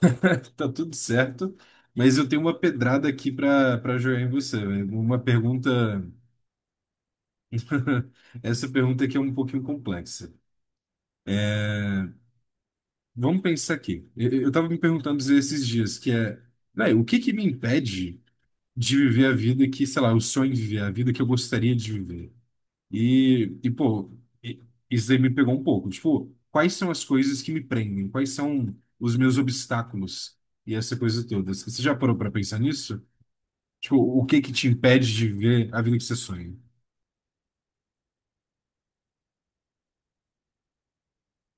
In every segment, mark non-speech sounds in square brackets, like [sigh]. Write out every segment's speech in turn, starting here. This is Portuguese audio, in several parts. [laughs] Tá tudo certo, mas eu tenho uma pedrada aqui para jogar em você, velho. Uma pergunta. [laughs] Essa pergunta aqui é um pouquinho complexa. É, Vamos pensar aqui. Eu tava me perguntando esses dias que é, velho, o que que me impede de viver a vida que, sei lá, eu sonho em viver, a vida que eu gostaria de viver? E pô, e- isso aí me pegou um pouco. Tipo, quais são as coisas que me prendem? Quais são os meus obstáculos? E essa coisa toda. Você já parou para pensar nisso? Tipo, o que que te impede de ver a vida que você sonha?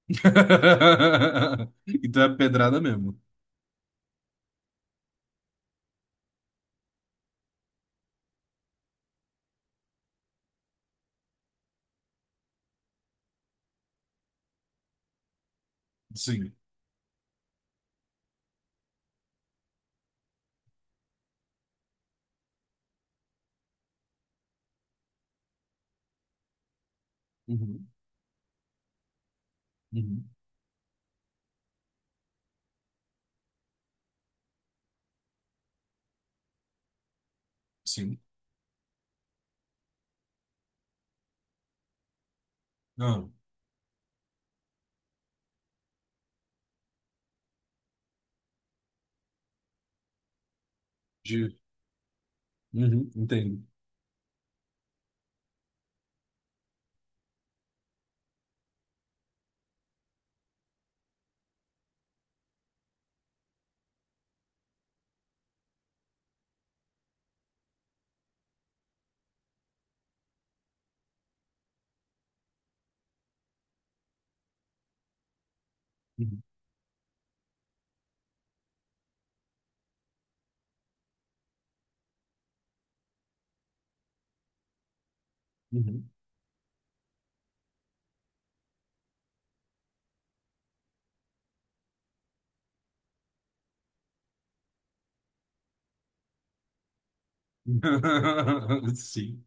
[laughs] Então é pedrada mesmo. Sim. Uhum, uhum. Sim. Não. De... Uhum, entendo. Uhum, uhum. [laughs] Sim.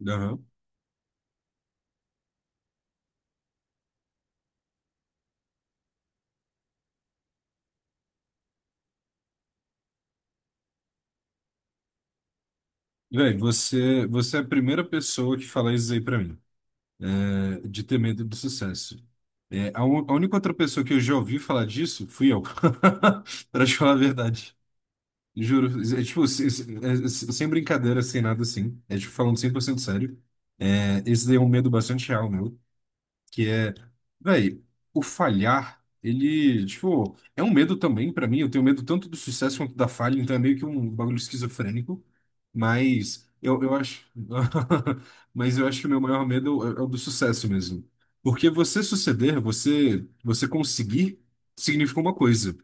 Uhum. Véi, você é a primeira pessoa que fala isso aí pra mim, é, de ter medo do sucesso. A única outra pessoa que eu já ouvi falar disso fui eu, [laughs] pra te falar a verdade. Juro, tipo, sem brincadeira, sem nada assim. É tipo, falando 100% sério. Esse daí é um medo bastante real, meu. Que é, véi, o falhar, ele, tipo, é um medo também pra mim. Eu tenho medo tanto do sucesso quanto da falha, então é meio que um bagulho esquizofrênico. Mas eu acho. [laughs] Mas eu acho que o meu maior medo é, o do sucesso mesmo. Porque você suceder, você conseguir, significa uma coisa: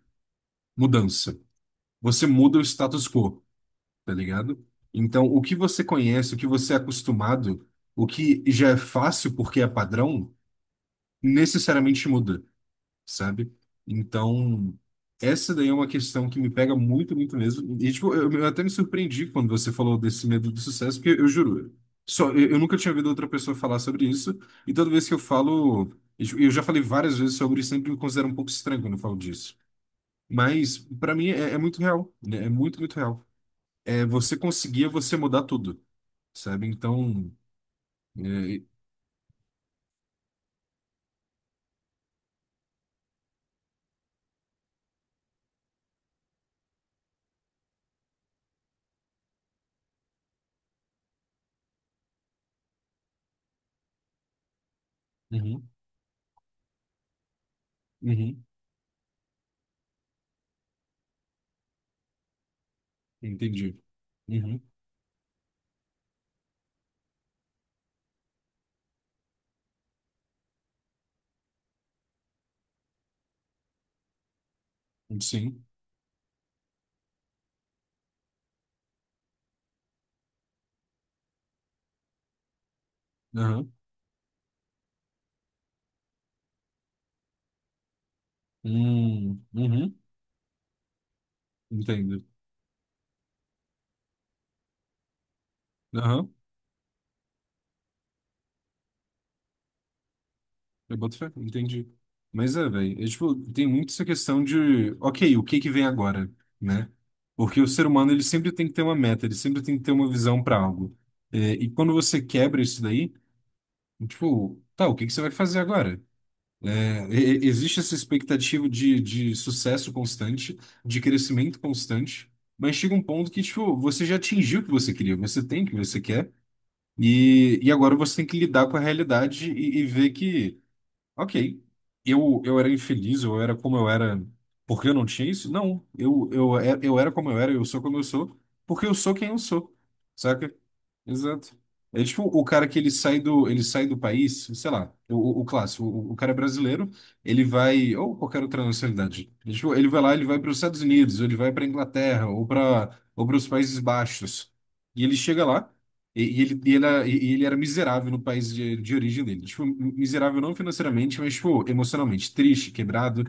mudança. Você muda o status quo, tá ligado? Então, o que você conhece, o que você é acostumado, o que já é fácil porque é padrão, necessariamente muda, sabe? Então, essa daí é uma questão que me pega muito, muito mesmo. E, tipo, eu até me surpreendi quando você falou desse medo do sucesso, porque eu juro, só, eu nunca tinha ouvido outra pessoa falar sobre isso, e toda vez que eu falo, e, tipo, eu já falei várias vezes sobre isso, sempre me considero um pouco estranho quando eu falo disso. Mas, pra mim, é, muito real, né? É muito, muito real. É você conseguir, é você mudar tudo, sabe? Então, é, uhum, uhum, entendi. Uhum, sim, aham, uhum, entendo. Aham, eu boto fé, entendi. Mas é, velho, é, tipo, tem muito essa questão de, ok, o que que vem agora, né? Porque o ser humano, ele sempre tem que ter uma meta, ele sempre tem que ter uma visão para algo. E quando você quebra isso daí, tipo, tá, o que que você vai fazer agora? Existe essa expectativa de sucesso constante, de crescimento constante, mas chega um ponto que, tipo, você já atingiu o que você queria, você tem o que você quer, e agora você tem que lidar com a realidade e ver que, ok, eu era infeliz, eu era como eu era porque eu não tinha isso? Não. Eu era como eu era, eu sou como eu sou, porque eu sou quem eu sou. Saca? Exato. É tipo o cara que ele sai do país, sei lá, o clássico, o cara é brasileiro, ele vai, ou qualquer outra nacionalidade, ele, tipo, ele vai lá, ele vai para os Estados Unidos, ou ele vai para Inglaterra, ou para os Países Baixos, e ele chega lá, e ele, e, ela e ele era miserável no país de origem dele. Tipo, miserável não financeiramente, mas, tipo, emocionalmente. Triste, quebrado.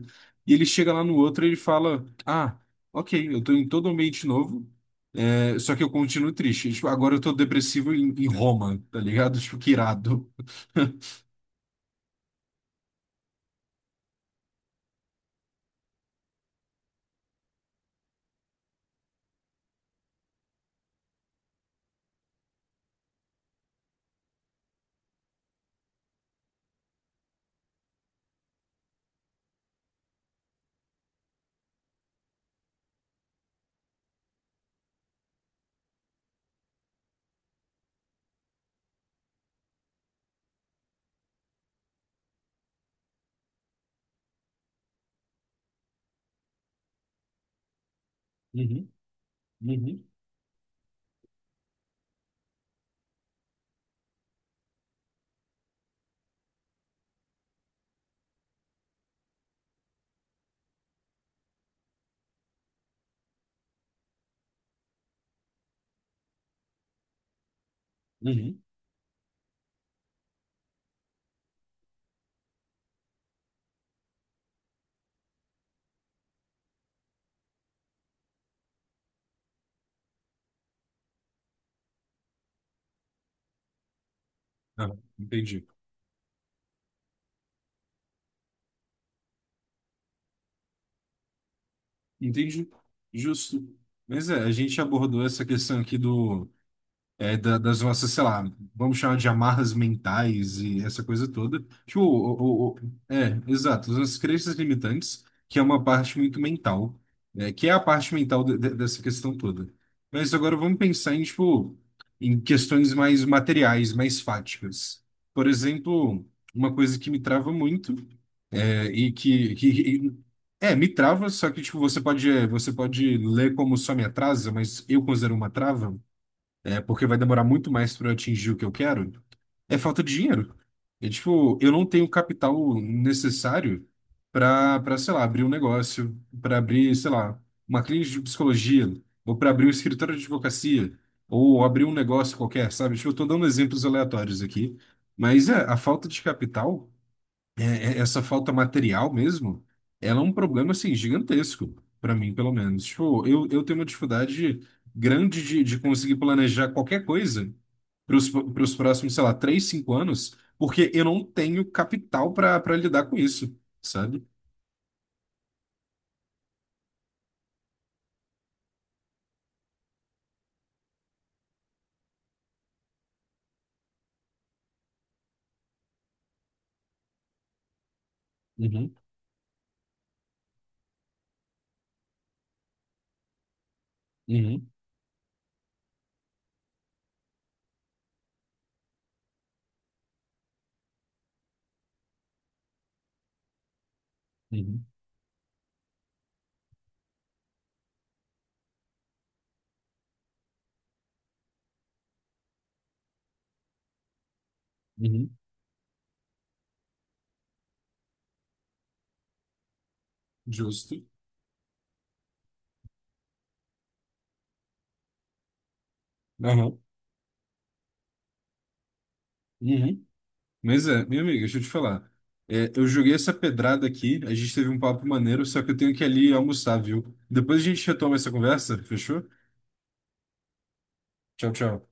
E ele chega lá no outro e ele fala: Ah, ok, eu tô em todo ambiente novo, só que eu continuo triste. Tipo, agora eu tô depressivo em Roma, tá ligado? Tipo, que irado. [laughs] Uhum, uhum, uhum. Ah, entendi. Entendi. Justo. Mas é, a gente abordou essa questão aqui do. Das nossas, sei lá, vamos chamar de amarras mentais e essa coisa toda. Tipo, é, exato, as nossas crenças limitantes, que é uma parte muito mental, né, que é a parte mental dessa questão toda. Mas agora vamos pensar em, tipo, em questões mais materiais, mais fáticas. Por exemplo, uma coisa que me trava muito, é, e que, que- me trava, só que, tipo, você pode ler como só me atrasa, mas eu considero uma trava, porque vai demorar muito mais para eu atingir o que eu quero, é falta de dinheiro. É tipo, eu não tenho capital necessário para, sei lá, abrir um negócio, para abrir, sei lá, uma clínica de psicologia, ou para abrir um escritório de advocacia, ou abrir um negócio qualquer, sabe? Tipo, eu tô dando exemplos aleatórios aqui, mas é, a falta de capital essa falta material mesmo, ela é um problema assim gigantesco para mim, pelo menos. Tipo, eu tenho uma dificuldade grande de, conseguir planejar qualquer coisa para os próximos, sei lá, 3, 5 anos, porque eu não tenho capital para lidar com isso, sabe? Uhum, uhum, uhum, uhum. Justo. Aham, uhum. Mas é, minha amiga, deixa eu te falar. Eu joguei essa pedrada aqui, a gente teve um papo maneiro, só que eu tenho que ir ali almoçar, viu? Depois a gente retoma essa conversa, fechou? Tchau, tchau.